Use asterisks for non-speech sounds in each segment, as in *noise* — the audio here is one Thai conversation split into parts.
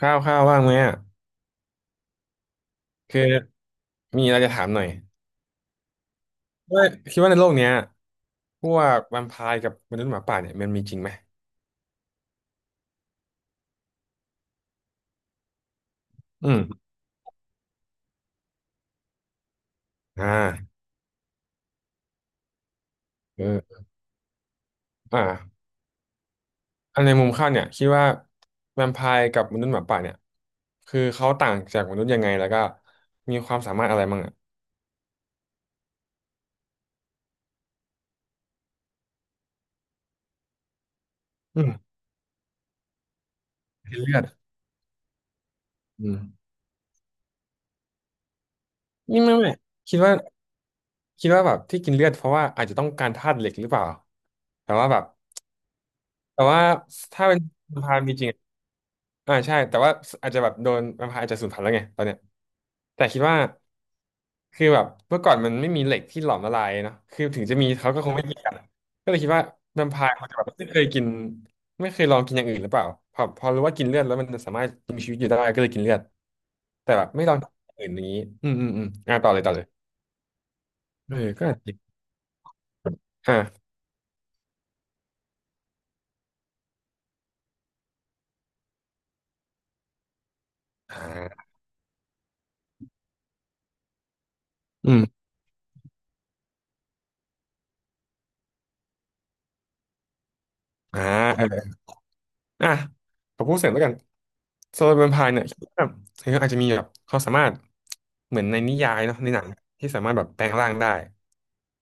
ข้าวข้าวว่างไหมอ่ะคือมีอะไรจะถามหน่อยว่าคิดว่าในโลกเนี้ยพวกแวมไพร์กับมนุษย์หมาป่าเนี่ยมันมีจริงไหมอืมอ่าเอออ่าอันในมุมข้าวเนี่ยคิดว่าแวมไพร์กับมนุษย์หมาป่าเนี่ยคือเขาต่างจากมนุษย์ยังไงแล้วก็มีความสามารถอะไรบ้างอ่ะอืมกินเลือดอืมนี่ไม่คิดว่าคิดว่าแบบที่กินเลือดเพราะว่าอาจจะต้องการธาตุเหล็กหรือเปล่าแต่ว่าแบบแต่ว่าถ้าเป็นแวมไพร์มีจริง อ่าใช่แต่ว่าอาจจะแบบโดนมันอาจจะสูญพันธุ์แล้วไงตอนเนี้ยแต่คิดว่าคือแบบเมื่อก่อนมันไม่มีเหล็กที่หลอมละลายเนาะคือถึงจะมีเขาก็คงไม่กินกันก็เลยคิดว่าแวมไพร์เขาจะแบบไม่เคยกินไม่เคยลองกินอย่างอื่นหรือเปล่าพอรู้ว่ากินเลือดแล้วมันสามารถมีชีวิตอยู่ได้ก็เลยกินเลือดแต่แบบไม่ลองกินอย่างอื่นอย่างนี้อืมอืมอืมอ่าต่อเลยต่อเลยเออก็อาจจะอ่าอ่าอืมอ่า อ่ะขอพูดเสริมแล้วกันโซโลแวมไพร์เนี่ยคิดว่าเธออาจจะมีแบบเขามสามารถเหมือนในนิยายเนาะในหนังที่สามารถแบบแปลงร่างได้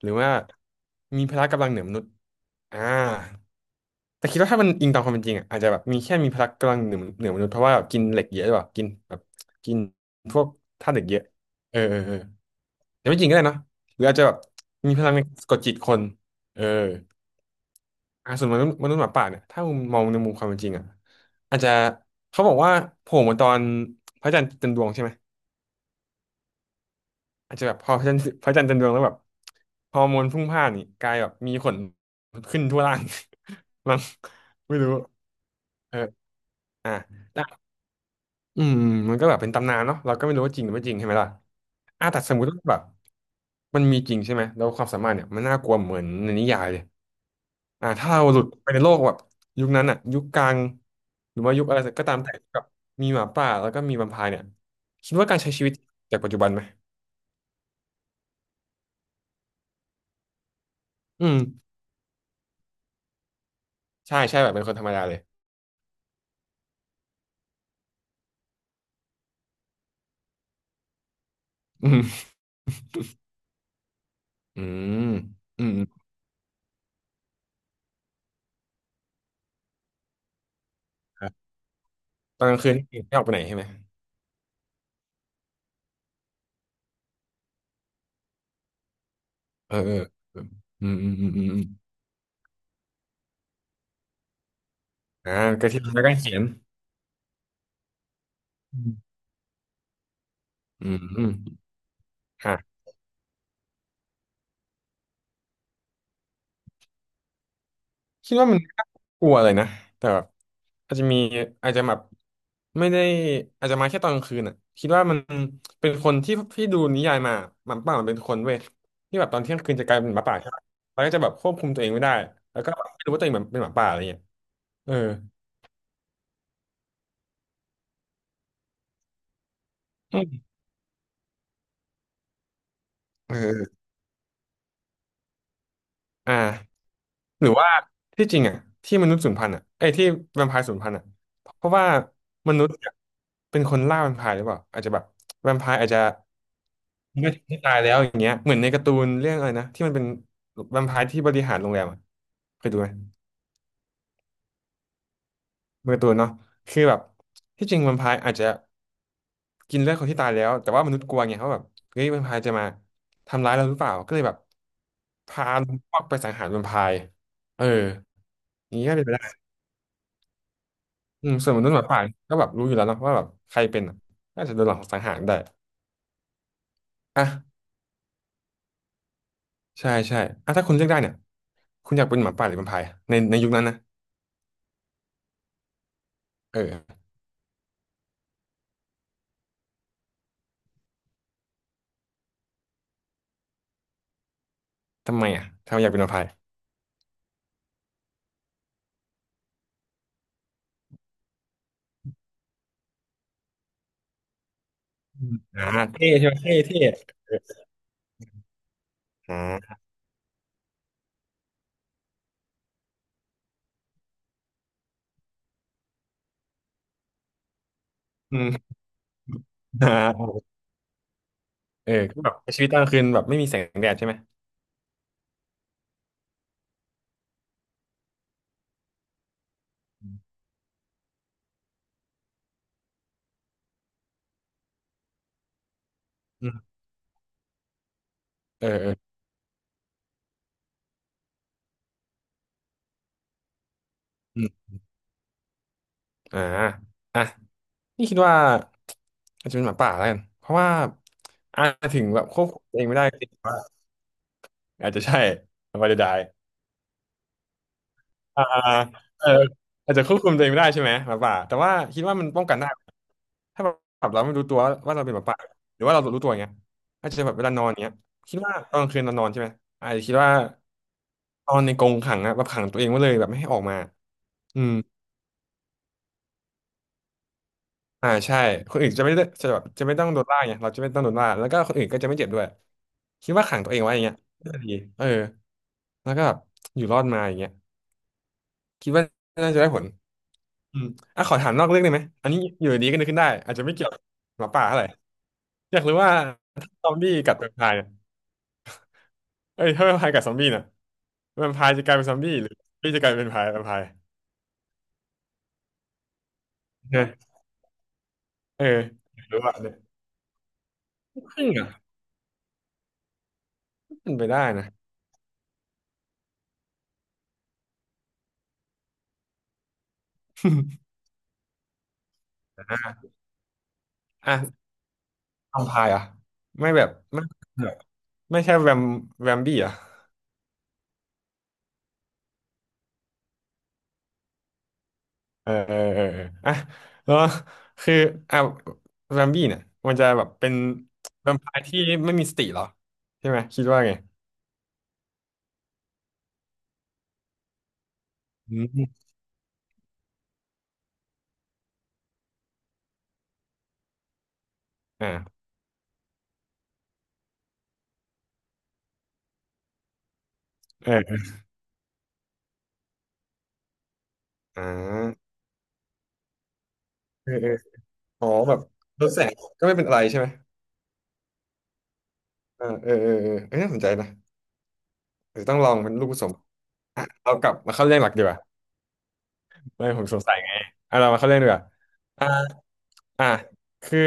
หรือว่ามีพละกำลังเหนือมนุษย์อ่าแต่คิดว่าถ้ามันอิงตามความเป็นจริงอ่ะอาจจะแบบมีแค่มีพละกำลังเหนือมนุษย์เพราะว่าแบบกินเหล็กเยอะหรือเปล่ากินแบบกินพวกธาตุเหล็กเยอะเออเออเออแต่ไม่จริงก็ได้เนาะหรืออาจจะแบบมีพลังในกากดจิตคนเออ อ่ะส่วนมนุษย์หมาป่าเนี่ยถ้ามุมมองในมุมความเป็นจริงอ่ะอาจจะเขาบอกว่าโผล่มาตอนพระจันทร์เต็มดวงใช่ไหมอาจจะแบบพอพระจันทร์เต็มดวงแล้วแบบฮอร์โมนพรุ่งพล่านนี่กลายแบบมีขนขึ้นทั่วร่าง *laughs* มั้งไม่รู้เอออ่ะแต่อืมมันก็แบบเป็นตำนานเนาะเราก็ไม่รู้ว่าจริงหรือไม่จริงใช่ไหมล่ะอ่ะแต่สมมติว่าแบบมันมีจริงใช่ไหมแล้วความสามารถเนี่ยมันน่ากลัวเหมือนในนิยายเลย อ่าถ้าเราหลุดไปในโลกแบบยุคนั้นอ่ะยุคกลางหรือว่ายุคอะไรก็ตามแต่กับมีหมาป่าแล้วก็มีแวมไพร์เนี่ยคิดว่าการใช้ชีวิตจากปัจจุบันไหมอืมใช่ใช่แบบเป็นคนธรรมดาเลยอืม *laughs* อืมอืมอืมครับตอนกลางคืนนี่ไม่ออกไปไหนใช่ไหมเออเออเอออืมอืมอืมอืมอมอ่าก็ที่แล้วก็เขียนอืมอืมอ่า คิดว่ามันน่ากลัวเลยนะแต่แบบอาจจะมีอาจจะแบบไม่ได้อาจจะมาแค่ตอนกลางคืนอ่ะคิดว่ามันเป็นคนที่ดูนิยายมาหมาป่ามันเป็นคนเว้ยที่แบบตอนเที่ยงคืนจะกลายเป็นหมาป่าใช่ไหมมันก็จะแบบควบคุมตัวเองไม่ได้แล้วก็แบบไม่รู้ว่าตัวเองแบบเป็นหมาป่าอะไรเงี้ยเอออืมเอออ่า หรือว่าที่จริงอ่ะที่มนุษย์สูญพันธุ์อ่ะไอ้ยที่แวมไพร์สูญพันธุ์อ่ะเพราะว่ามนุษย์เนี่ยเป็นคนล่าแวมไพร์หรือเปล่าอาจจะแบบแวมไพร์อาจจะไม่ตายแล้วอย่างเงี้ยเหมือนในการ์ตูนเรื่องอะไรนะที่มันเป็นแวมไพร์ที่บริหารโรงแรมอะเคยดูไหมเป็นการ์ตูนเนาะคือแบบที่จริงแวมไพร์อาจจะกินเลือดคนที่ตายแล้วแต่ว่ามนุษย์กลัวไงเขาะแบบเฮ้ยแวมไพร์จะมาทำร้ายเราหรือเปล่าก็เลยแบบพาพวกไปสังหารแวมไพร์เอออย่างนี้ก็เป็นไปได้ อืมส่วนมนุษย์หมาป่าก็แบบรู้อยู่แล้วเนอะว่าแบบใครเป็นอะน่าจะโดนหลอกสังหารได้อ่ะใช่ใช่อ่ะถ้าคุณเลือกได้เนี่ยคุณอยากเป็นหมาป่าหรือแวมไพร์ในยุคนั้นนะเออทำไมอ่ะทำไมอยากเป็นแวมไพร์อืมอ่าเท่ใช่ไหมเท่เท่เอออ่าอืม *laughs* อ่าเออก็แบบชีวิตตอนกลางคืนแบบไม่มีแสงแดดใช่ไหมอืมอืมเออเอออืมอ่าอ่ะนี่คิดว่าอาจจะเป็นหมาป่าแล้วกันเพราะว่าอาจจะถึงแบบควบคุมตัวเองไม่ได้จริงว่าอาจจะใช่ไม่ได อ่าเอออาจจะควบคุมตัวเองไม่ได้ใช่ไหมหมาป่าแต่ว่าคิดว่ามันป้องกันได้ถ้าแบบเราไม่รู้ตัวว่าเราเป็นหมาป่าหรือว่าเรารู้ตัวอย่างเงี้ยอาจจะแบบเวลานอนเงี้ยคิดว่าตอนกลางคืนเรานอนใช่ไหมอาจจะคิดว่านอนในกรงขังอะแบบขังตัวเองไว้เลยแบบไม่ให้ออกมาอืมอ่าใช่คนอื่นจะไม่ได้จะแบบจะไม่ต้องโดนล่าไงเราจะไม่ต้องโดนล่าแล้วก็คนอื่นก็จะไม่เจ็บด้วยคิดว่าขังตัวเองไว้อย่างเงี้ยน่าจะดีเออแล้วก็แบบอยู่รอดมาอย่างเงี้ยคิดว่าน่าจะได้ผล อืมอ่ะขอถามนอกเรื่องได้ไหมอันนี้อยู่ดีก็นึกขึ้นได้อาจจะไม่เกี่ยวกับหมาป่าเท่าไหร่อยากรู้ว่าซอมบี้กัดแวมไพร์เนี่ยเอ้ยถ้าแวมไพร์กัดซอมบี้เนี่ยแวมไพร์จะกลายเป็นซอมบี้หรือซอมบี้จะกลายเป็นแวมไพร์แวมไพร์เนี่ยเอออยากรู้ว่าเนี่ยครึ่งอ่ะมันไปได้นะ *laughs* อ่ะอ่ะแวมไพร์เหรอ่ะไม่แบบไม่แบบไม่ใช่แวมแวมบี้เหรอ่ะเออเออเออเอออ่ะแล้วคืออ่ะแวมบี้เนี่ยมันจะแบบเป็นแวมไพร์ที่ไม่มีสติเหรอใช่ไหมคิดว่าไง อืมอ่าเออเอออ่าเออเอออ๋อแบบลดแสงก็ไม่เป็นอะไรใช่ไหมเอ้ยน่าสนใจนะเดี๋ยวต้องลองเป็นลูกผสมอ่ะเรากลับมาเข้าเรื่องหลักดีกว่าไม่ผมสงสัยไงอ่ะเรามาเข้าเรื่องดีกว่าอ่าอ่าคือ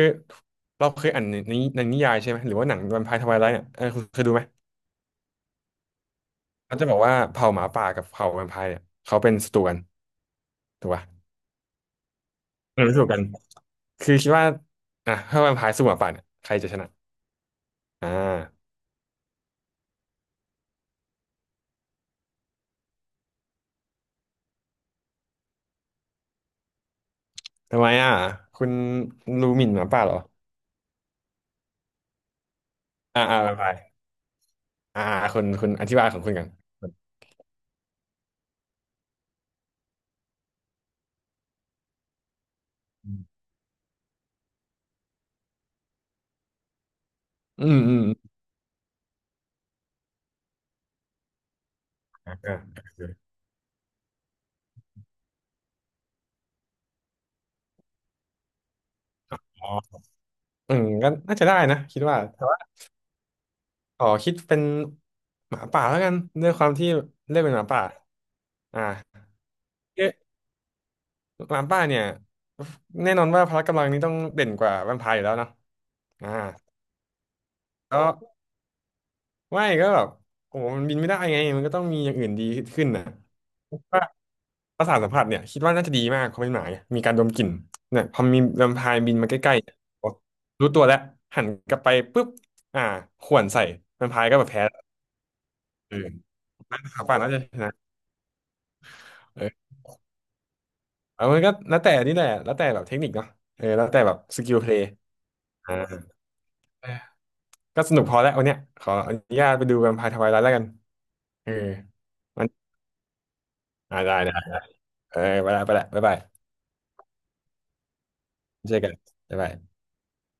เราเคยอ่านในนิยายใช่ไหมหรือว่าหนังแวมไพร์ทไวไลท์เนี่ยเออคุณเคยดูไหมเขาจะบอกว่าเผ่าหมาป่ากับเผ่าแวมไพร์เนี่ยเขาเป็นศัตรูกันถูกป่ะเป็นศัตรูกันคือคิดว่าอ่ะถ้าแวมไพร์สู้หมาป่าเนี่ยใครจะชนะอ่า ทำไมอ่ะคุณรู้หมิ่นหมาป่าเหรออ่าอ่าไปไปอ่าอ่าคุณอธิบายของคุณกันอืมอืมอ่าอ่าอ๋ออืมก็น่าจะได้นะคิดว่าแต่ว่าขอคิดเป็นหมาป่าแล้วกันด้วยความที่เลือกเป็นหมาป่าอ่าเอ๊ะหมาป่าเนี่ยแน่นอนว่าพละกำลังนี้ต้องเด่นกว่าแวมไพร์อยู่แล้วเนาะอ่าก็ไม่ก็แบบโอ้โหมันบินไม่ได้ไงมันก็ต้องมีอย่างอื่นดีขึ้นน่ะ ประสาทสัมผัสเนี่ยคิดว่าน่าจะดีมากเขาะเป็นหมาไงมีการดมกลิ่นเนี่ยพอมีแวมไพร์บินมาใกล้ๆเนี่ยโอ๊ะรู้ตัวแล้วหันกลับไปปุ๊บอ่าข่วนใส่แวมไพร์ก็แบบแพ้เออขาป่าน่าจะชนะเออเอามันก็แล้วแต่นี่แหละแล้วแต่แบบเทคนิคเนาะเออแล้วแต่แบบสกิลเพลย์อ่าเออก็สนุกพอแล้ววันเนี้ยขออนุญาตไปดูแวมไพร์ทวายไลท์แล้วกันเออมันอ่าได้ได้เออไปละไปละบ๊ายบายเจอกันบ๊ายบาย